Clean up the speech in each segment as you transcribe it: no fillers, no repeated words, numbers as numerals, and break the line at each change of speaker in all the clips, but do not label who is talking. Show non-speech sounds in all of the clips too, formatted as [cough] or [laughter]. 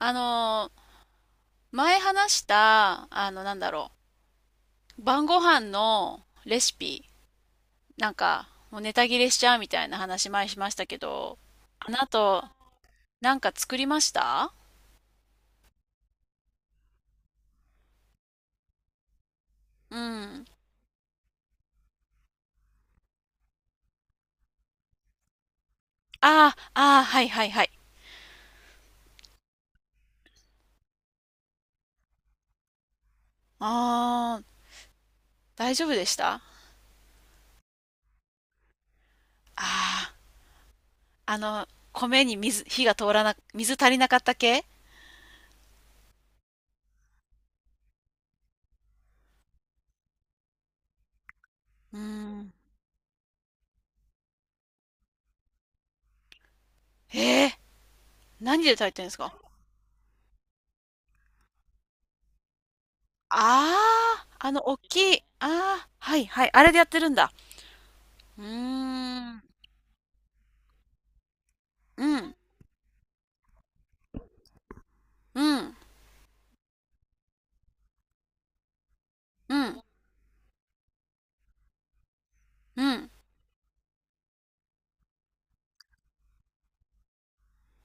あのー、前話した、なんだろう、晩ご飯のレシピ、なんか、もうネタ切れしちゃうみたいな話前しましたけど、あなたなんか作りました？うん。ああ、ああ、はいはいはい。ああ、大丈夫でしたあ？あー、米に水、火が通らな、水足りなかった系？うん。ええ、何で炊いてるんですか？ああー、大きい。ああ、はいはい。あれでやってるんだ。うーん。うん、うん、うん、うん。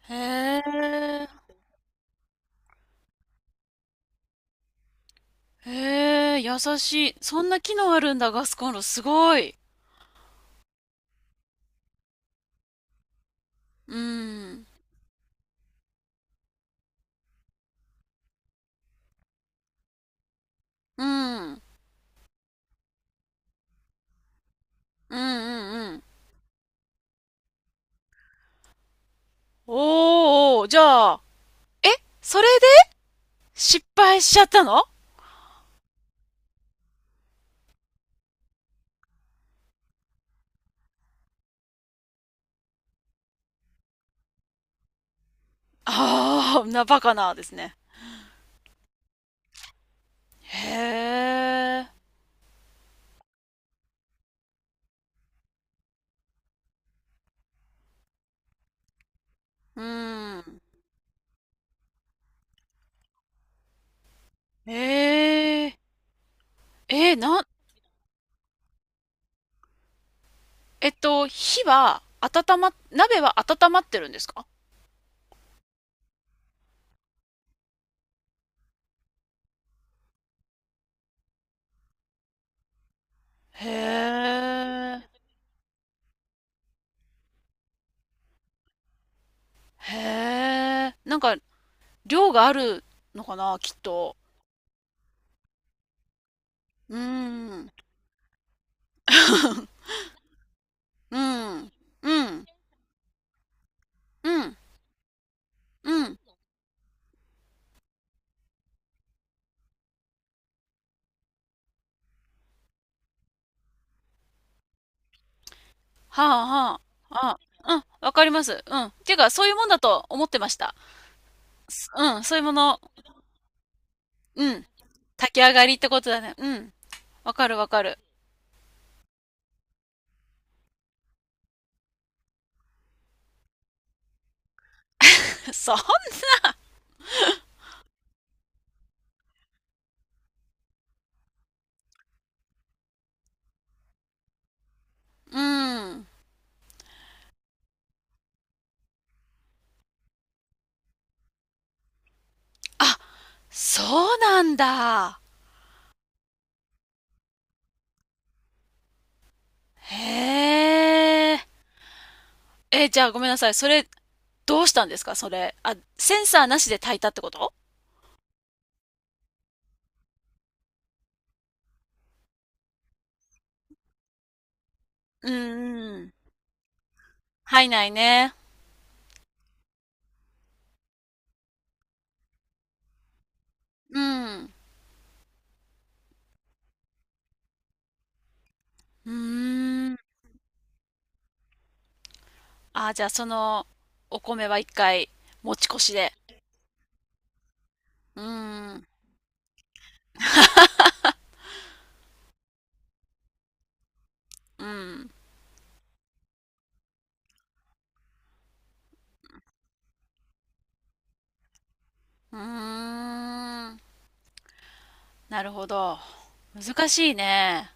へえ、へえ、優しい。そんな機能あるんだ、ガスコンロ。すごい。うん、うん、うん、うん、うん。おー、じゃあ、え、それで失敗しちゃったの？ああー、バカなですね。へえ、うん。へえ、え、な、ん。火は温ま、鍋は温まってるんですか？へえ。へえ、なんか、量があるのかな、きっと。うーん。[laughs] うん。うん。うん。うん。はあはあ。あ、うん。わかります。うん。ていうか、そういうもんだと思ってました。うん。そういうもの。うん。炊き上がりってことだね。うん。わかるわかる。[laughs] そう、うん。あ、そうなんだ。へえ。え、じゃあごめんなさい。それ、どうしたんですかそれ？あ、センサーなしで炊いたってこと？うんうんうん。入んないね。うん。うーん。あ、じゃあそのお米は一回持ち越しで。うーん。うん。うーん。なるほど。難しいね。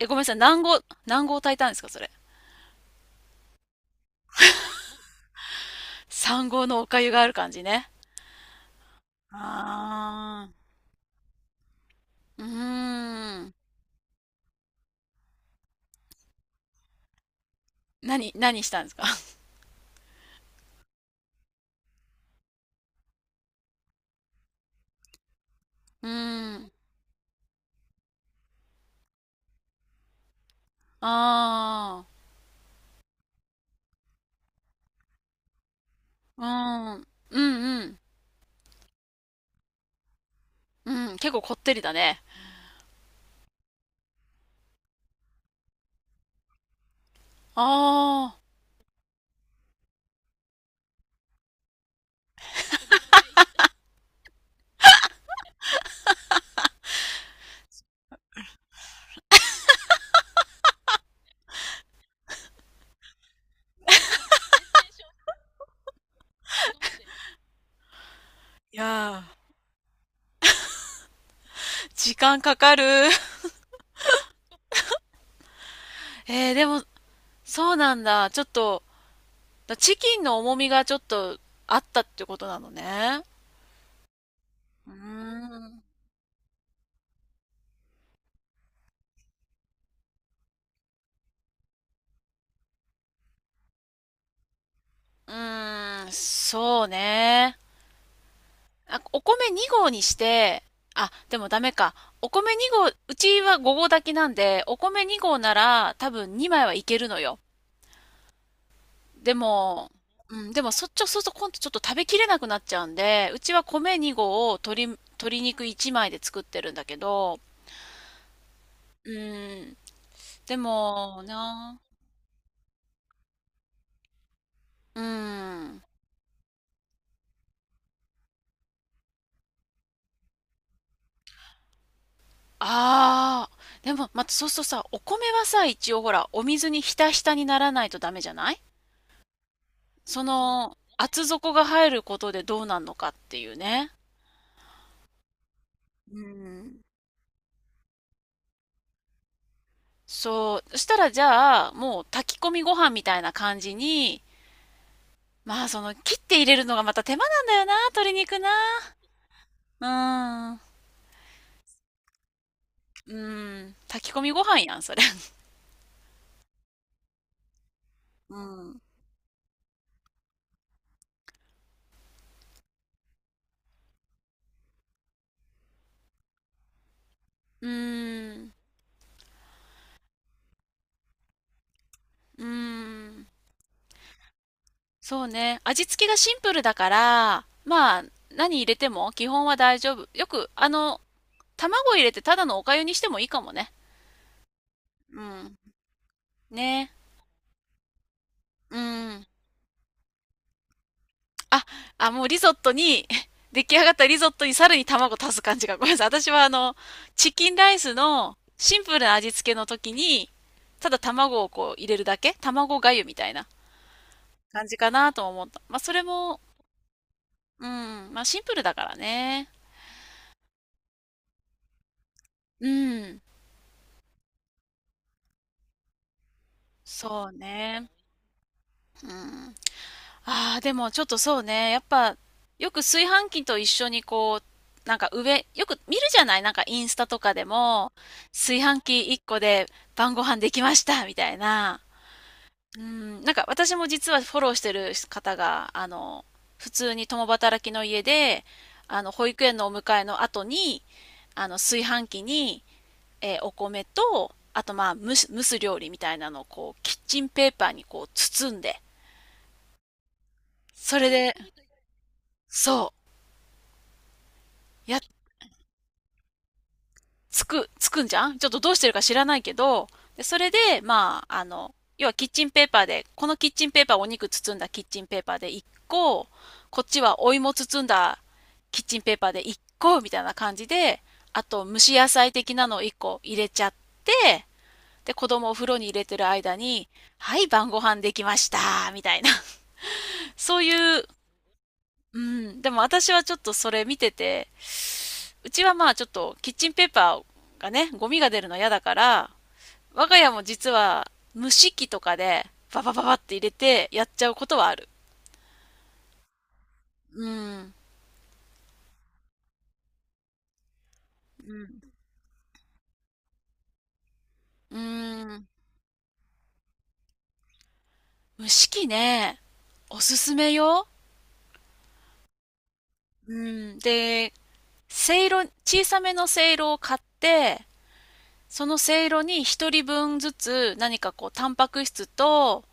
え、ごめんなさい。何合炊いたんですか、それ？3合のお粥がある感じね。ああ。うーん。何したんですか？ [laughs] うーん。ああ。うん。うんうん。うん。結構こってりだね。ああ。いやー。時間かかる。[laughs] でも、そうなんだ。ちょっと、チキンの重みがちょっとあったってことなのね。うーん。うーん、そうね。あ、お米2合にして、あ、でもダメか。お米2合、うちは5合炊きなんで、お米2合なら多分2枚はいけるのよ。でも、うん、でもそっちをそうすると今度ちょっと食べきれなくなっちゃうんで、うちは米2合を鶏肉1枚で作ってるんだけど、うん、でもな、うーん。ああ、でも、またそうするとさ、お米はさ、一応ほら、お水にひたひたにならないとダメじゃない？厚底が入ることでどうなんのかっていうね。うん。そう。そしたらじゃあ、もう炊き込みご飯みたいな感じに、まあ切って入れるのがまた手間なんだよな、鶏肉な。うーん。うーん。炊き込みご飯やん、それ。うん。うーん。うーん。そうね。味付けがシンプルだから、まあ、何入れても基本は大丈夫。よく、卵入れてただのお粥にしてもいいかもね。うん。ね。うん。あ、あ、もうリゾットに、[laughs] 出来上がったリゾットにさらに卵足す感じが。ごめんなさい。私はチキンライスのシンプルな味付けの時に、ただ卵をこう入れるだけ卵粥みたいな感じかなとも思った。まあ、それも、うん。まあ、シンプルだからね。うん。そうね。うん。ああ、でもちょっとそうね。やっぱ、よく炊飯器と一緒にこう、なんか上、よく見るじゃない？なんかインスタとかでも、炊飯器1個で晩ご飯できましたみたいな。うん、なんか私も実はフォローしてる方が、普通に共働きの家で、保育園のお迎えの後に、炊飯器に、お米と、あとまあ、蒸す料理みたいなのをこう、キッチンペーパーにこう、包んで、それで、そう、つくんじゃん？ちょっとどうしてるか知らないけど、でそれで、まあ、要はキッチンペーパーで、このキッチンペーパーをお肉包んだキッチンペーパーで1個、こっちはお芋包んだキッチンペーパーで1個みたいな感じで、あと蒸し野菜的なのを1個入れちゃって、で、子供をお風呂に入れてる間に、はい、晩ご飯できましたみたいな。[laughs] そういう、うん、でも私はちょっとそれ見てて、うちはまあちょっとキッチンペーパーがね、ゴミが出るの嫌だから、我が家も実は蒸し器とかでババババって入れてやっちゃうことはある。うん。うん。うーん。蒸し器ね、おすすめよ。うん。で、せいろ、小さめのせいろを買って、そのせいろに一人分ずつ何かこうタンパク質と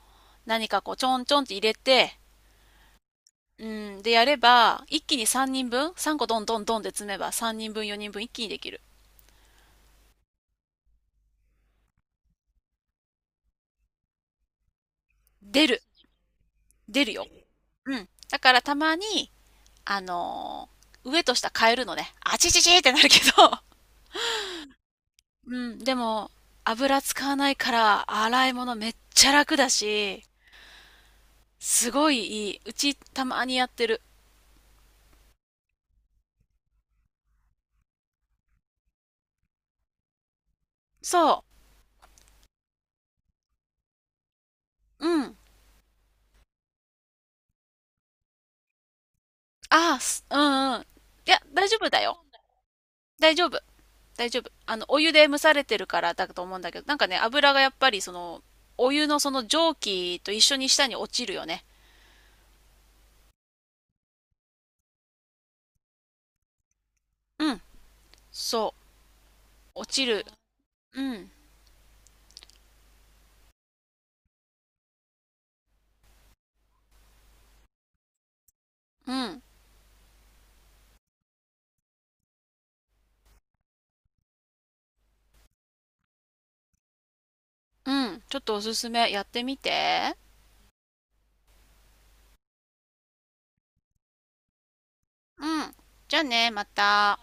何かこうちょんちょんって入れて、うん。でやれば、一気に3人分 ?3 個どんどんどんで詰めば3人分4人分一気にできる。出る。出るよ。うん。だからたまに上と下変えるのね。あちちちってなるけど [laughs]。うん、でも、油使わないから、洗い物めっちゃ楽だし、すごいいい。うち、たまにやってる。そう。うん。ああ、うんうん。いや、大丈夫だよ。大丈夫。大丈夫。お湯で蒸されてるからだと思うんだけど、なんかね、油がやっぱりお湯のその蒸気と一緒に下に落ちるよね。うん。そう。落ちる。うん。うん。うん。ちょっとおすすめ。やってみて。うん。じゃあね、また。